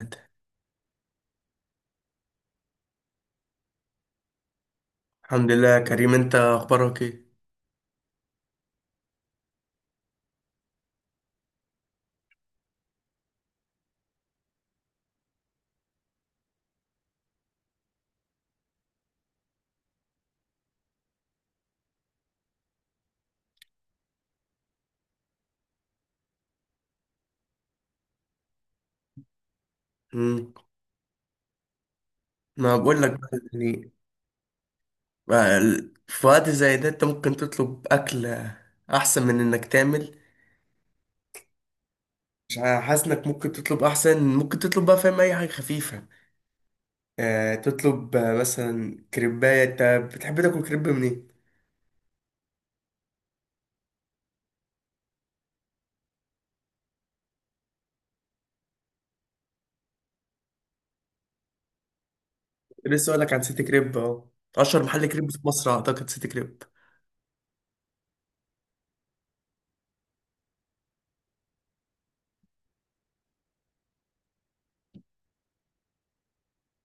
انت؟ الحمد لله يا كريم، انت اخبارك ايه؟ مم. ما بقول لك بقى، يعني بقى في وقت زي ده انت ممكن تطلب اكل احسن من انك تعمل. مش ع- حاسس انك ممكن تطلب، احسن ممكن تطلب بقى فاهم، اي حاجه خفيفه. آه تطلب، مثلا كريبايه انت بتحب تاكل كريب منين؟ لسه اقول لك عن سيتي كريب اهو. اشهر محل كريب في مصر اعتقد سيتي كريب.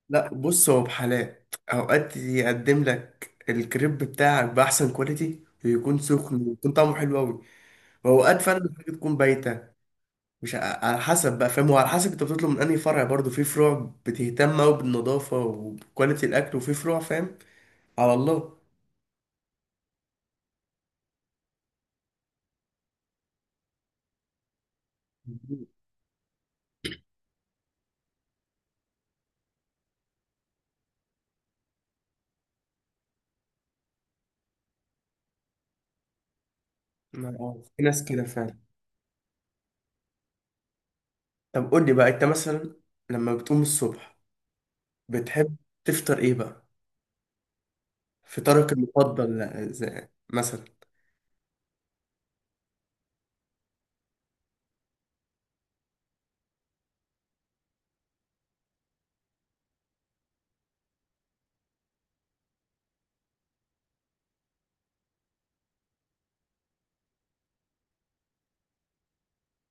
لا بص، هو بحالات اوقات يقدم لك الكريب بتاعك باحسن كواليتي، ويكون سخن، ويكون طعمه حلو قوي، واوقات فعلا الحاجه تكون بايته. مش ع- على حسب بقى فاهم، وعلى حسب انت بتطلب من انهي فرع. برضو في فروع بتهتم قوي بالنظافه وبكواليتي الاكل، وفي فروع فاهم. على الله. في ناس كده فعلا. طب قول لي بقى انت مثلا لما بتقوم الصبح بتحب تفطر ايه بقى؟ فطارك المفضل مثلا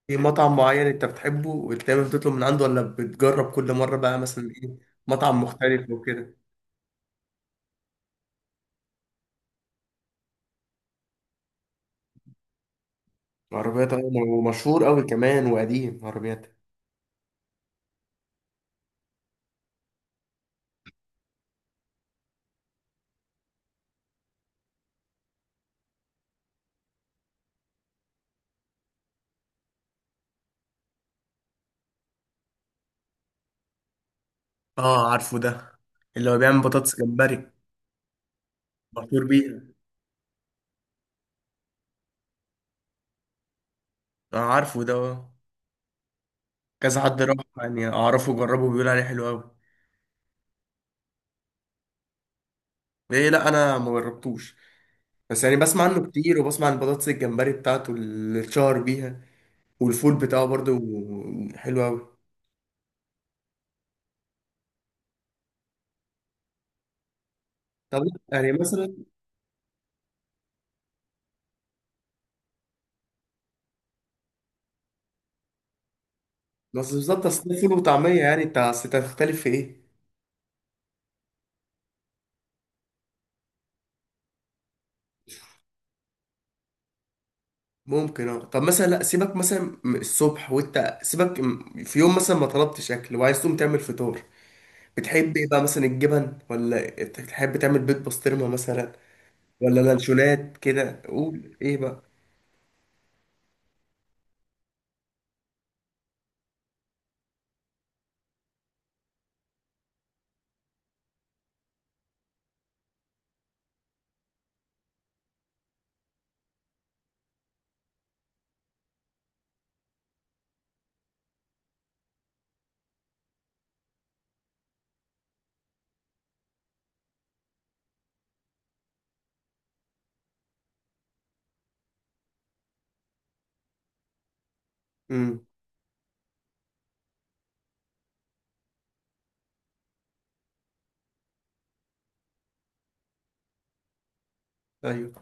في مطعم معين انت بتحبه ودايما بتطلب من عنده، ولا بتجرب كل مره بقى مثلا ايه، مطعم مختلف وكده؟ عربيات، أيوة، ومشهور قوي كمان وقديم عربيات. اه عارفه ده، اللي هو بيعمل بطاطس جمبري. مشهور بيه. اه عارفه ده آه. كذا حد راح يعني اعرفه وجربه، بيقول عليه حلو قوي. ايه؟ لا انا ما جربتوش، بس يعني بسمع عنه كتير، وبسمع عن البطاطس الجمبري بتاعته اللي اتشهر بيها، والفول بتاعه برضه حلو قوي. طب يعني مثلا، بس بالظبط اصل ده فول وطعميه، يعني انت اصل إنت هتختلف في ايه؟ ممكن اه. طب مثلا لا سيبك مثلا من الصبح، وانت سيبك في يوم مثلا ما طلبتش اكل وعايز تقوم تعمل فطار، بتحب ايه بقى؟ مثلا الجبن، ولا تحب تعمل بيض بسطرمه مثلا، ولا لانشونات كده، قول ايه بقى؟ امم. ايوه.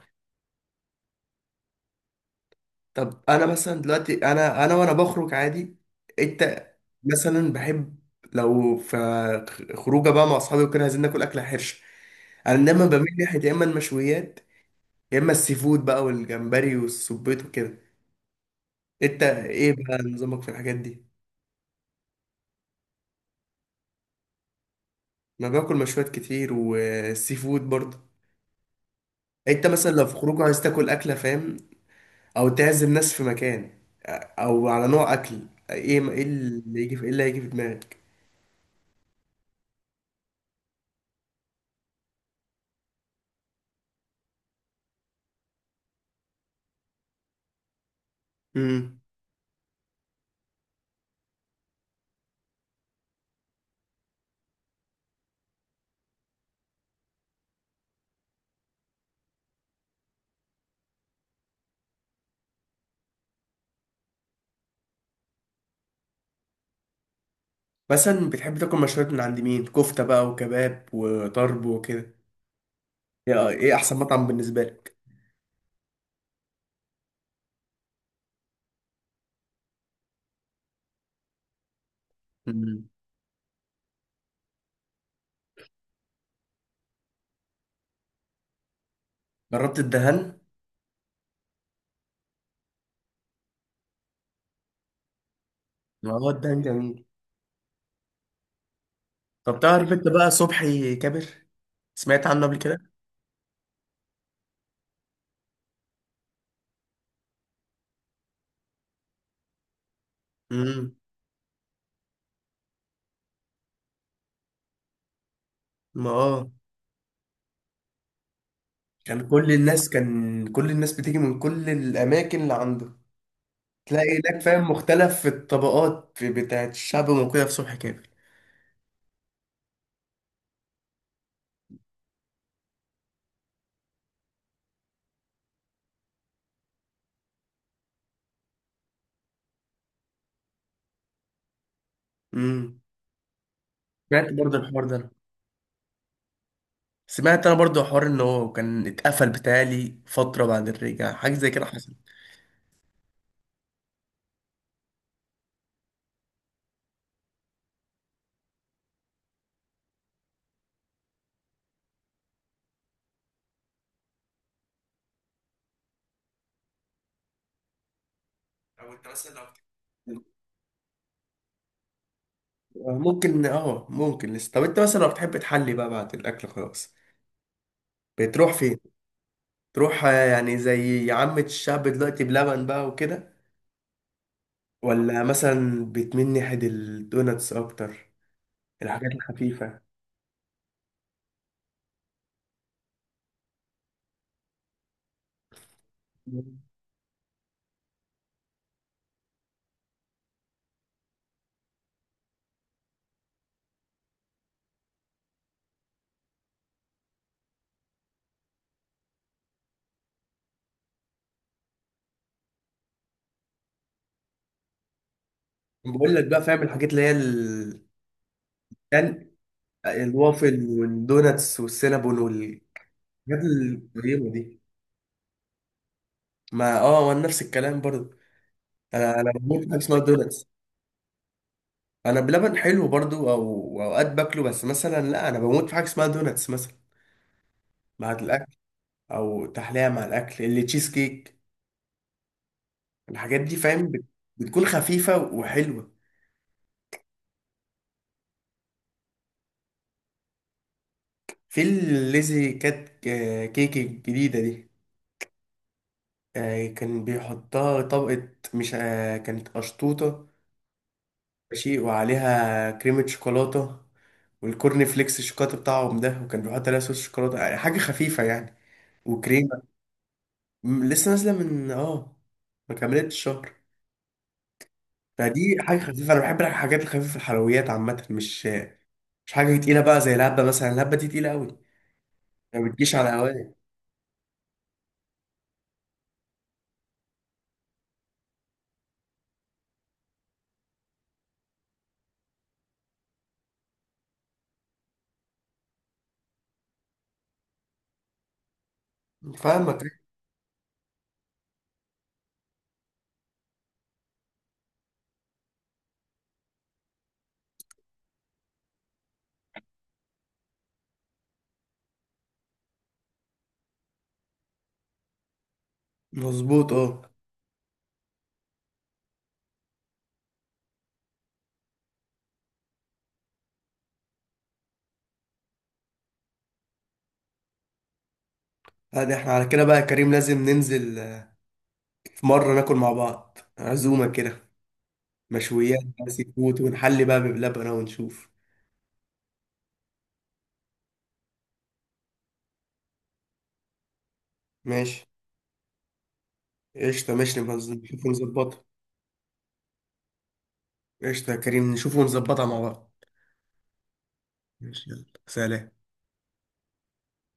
طب انا مثلا دلوقتي انا وانا بخرج عادي، انت مثلا بحب لو في خروجه بقى مع اصحابي وكده عايزين ناكل اكله حرشه، انا دايما بميل ناحيه يا اما المشويات، يا اما السي فود بقى والجمبري والسبيط وكده. انت ايه بقى نظامك في الحاجات دي؟ انا باكل مشويات كتير والسي فود برضه. انت مثلا لو في خروج عايز تاكل اكله فاهم، او تعزم ناس في مكان، او على نوع اكل ايه، ايه اللي يجي في، ايه اللي هيجي في دماغك؟ امم. مثلا بتحب تاكل مشويات من عند مين؟ كفته بقى وكباب وطرب وكده، ايه ايه احسن مطعم بالنسبه لك؟ امم. جربت الدهن؟ ما هو الدهن جميل. طب تعرف انت بقى صبحي كابر؟ سمعت عنه قبل كده؟ امم. ما اه، كان كل الناس، كان كل الناس بتيجي من كل الاماكن اللي عنده. تلاقي هناك فاهم مختلف في الطبقات، في بتاعت الشعب وكده، في صبح كامل. امم. سمعت برضه الحوار ده أنا. سمعت انا برضه حوار ان هو كان اتقفل بتالي فتره، بعد الرجعه حاجه زي كده حصل. أو أنت مثلا لو بت- آه، ممكن اه، ممكن لسه. طب انت مثلا لو بتحب تحلي بقى بعد الاكل خلاص، بتروح فين؟ تروح، آه، يعني زي عامة الشعب دلوقتي بلبن بقى وكده، ولا مثلا بتميل ناحية الدوناتس اكتر، الحاجات الخفيفة؟ بقول لك بقى فاهم الحاجات اللي هي يعني الوافل والدوناتس والسينابون والحاجات الطيبة دي. ما اه، وانا نفس الكلام برضو. انا بموت في حاجة اسمها دوناتس. انا بلبن حلو برضو، او اوقات باكله، بس مثلا لا انا بموت في حاجة اسمها دوناتس مثلا مع الاكل، او تحلية مع الاكل اللي تشيز كيك، الحاجات دي فاهم بتكون خفيفة وحلوة. في الليزي كات، كيك الجديدة دي، كان بيحطها طبقة مش، كانت قشطوطة ماشي، وعليها كريمة شوكولاتة والكورن فليكس الشوكولاتة بتاعهم ده، وكان بيحط عليها صوص شوكولاتة، يعني حاجة خفيفة يعني وكريمة. لسه نازلة من اه، ما كملتش شهر. فدي حاجة خفيفة. أنا بحب الحاجات الخفيفة، الحلويات عامة مش، مش حاجة تقيلة بقى زي الهبة مثلا، الهبة دي تقيلة أوي، ما بتجيش على هواية. فاهمك. مظبوط اه. هذا احنا على كده بقى يا كريم، لازم ننزل، آه، في مرة ناكل مع بعض عزومة كده، مشويات بقى، سي فود، ونحلي بقى بلبن ونشوف. ماشي. قشطة ماشي، نبقى نشوف ونظبطها. قشطة يا كريم، نشوف ونظبطها مع بعض. ماشي، يلا سلام.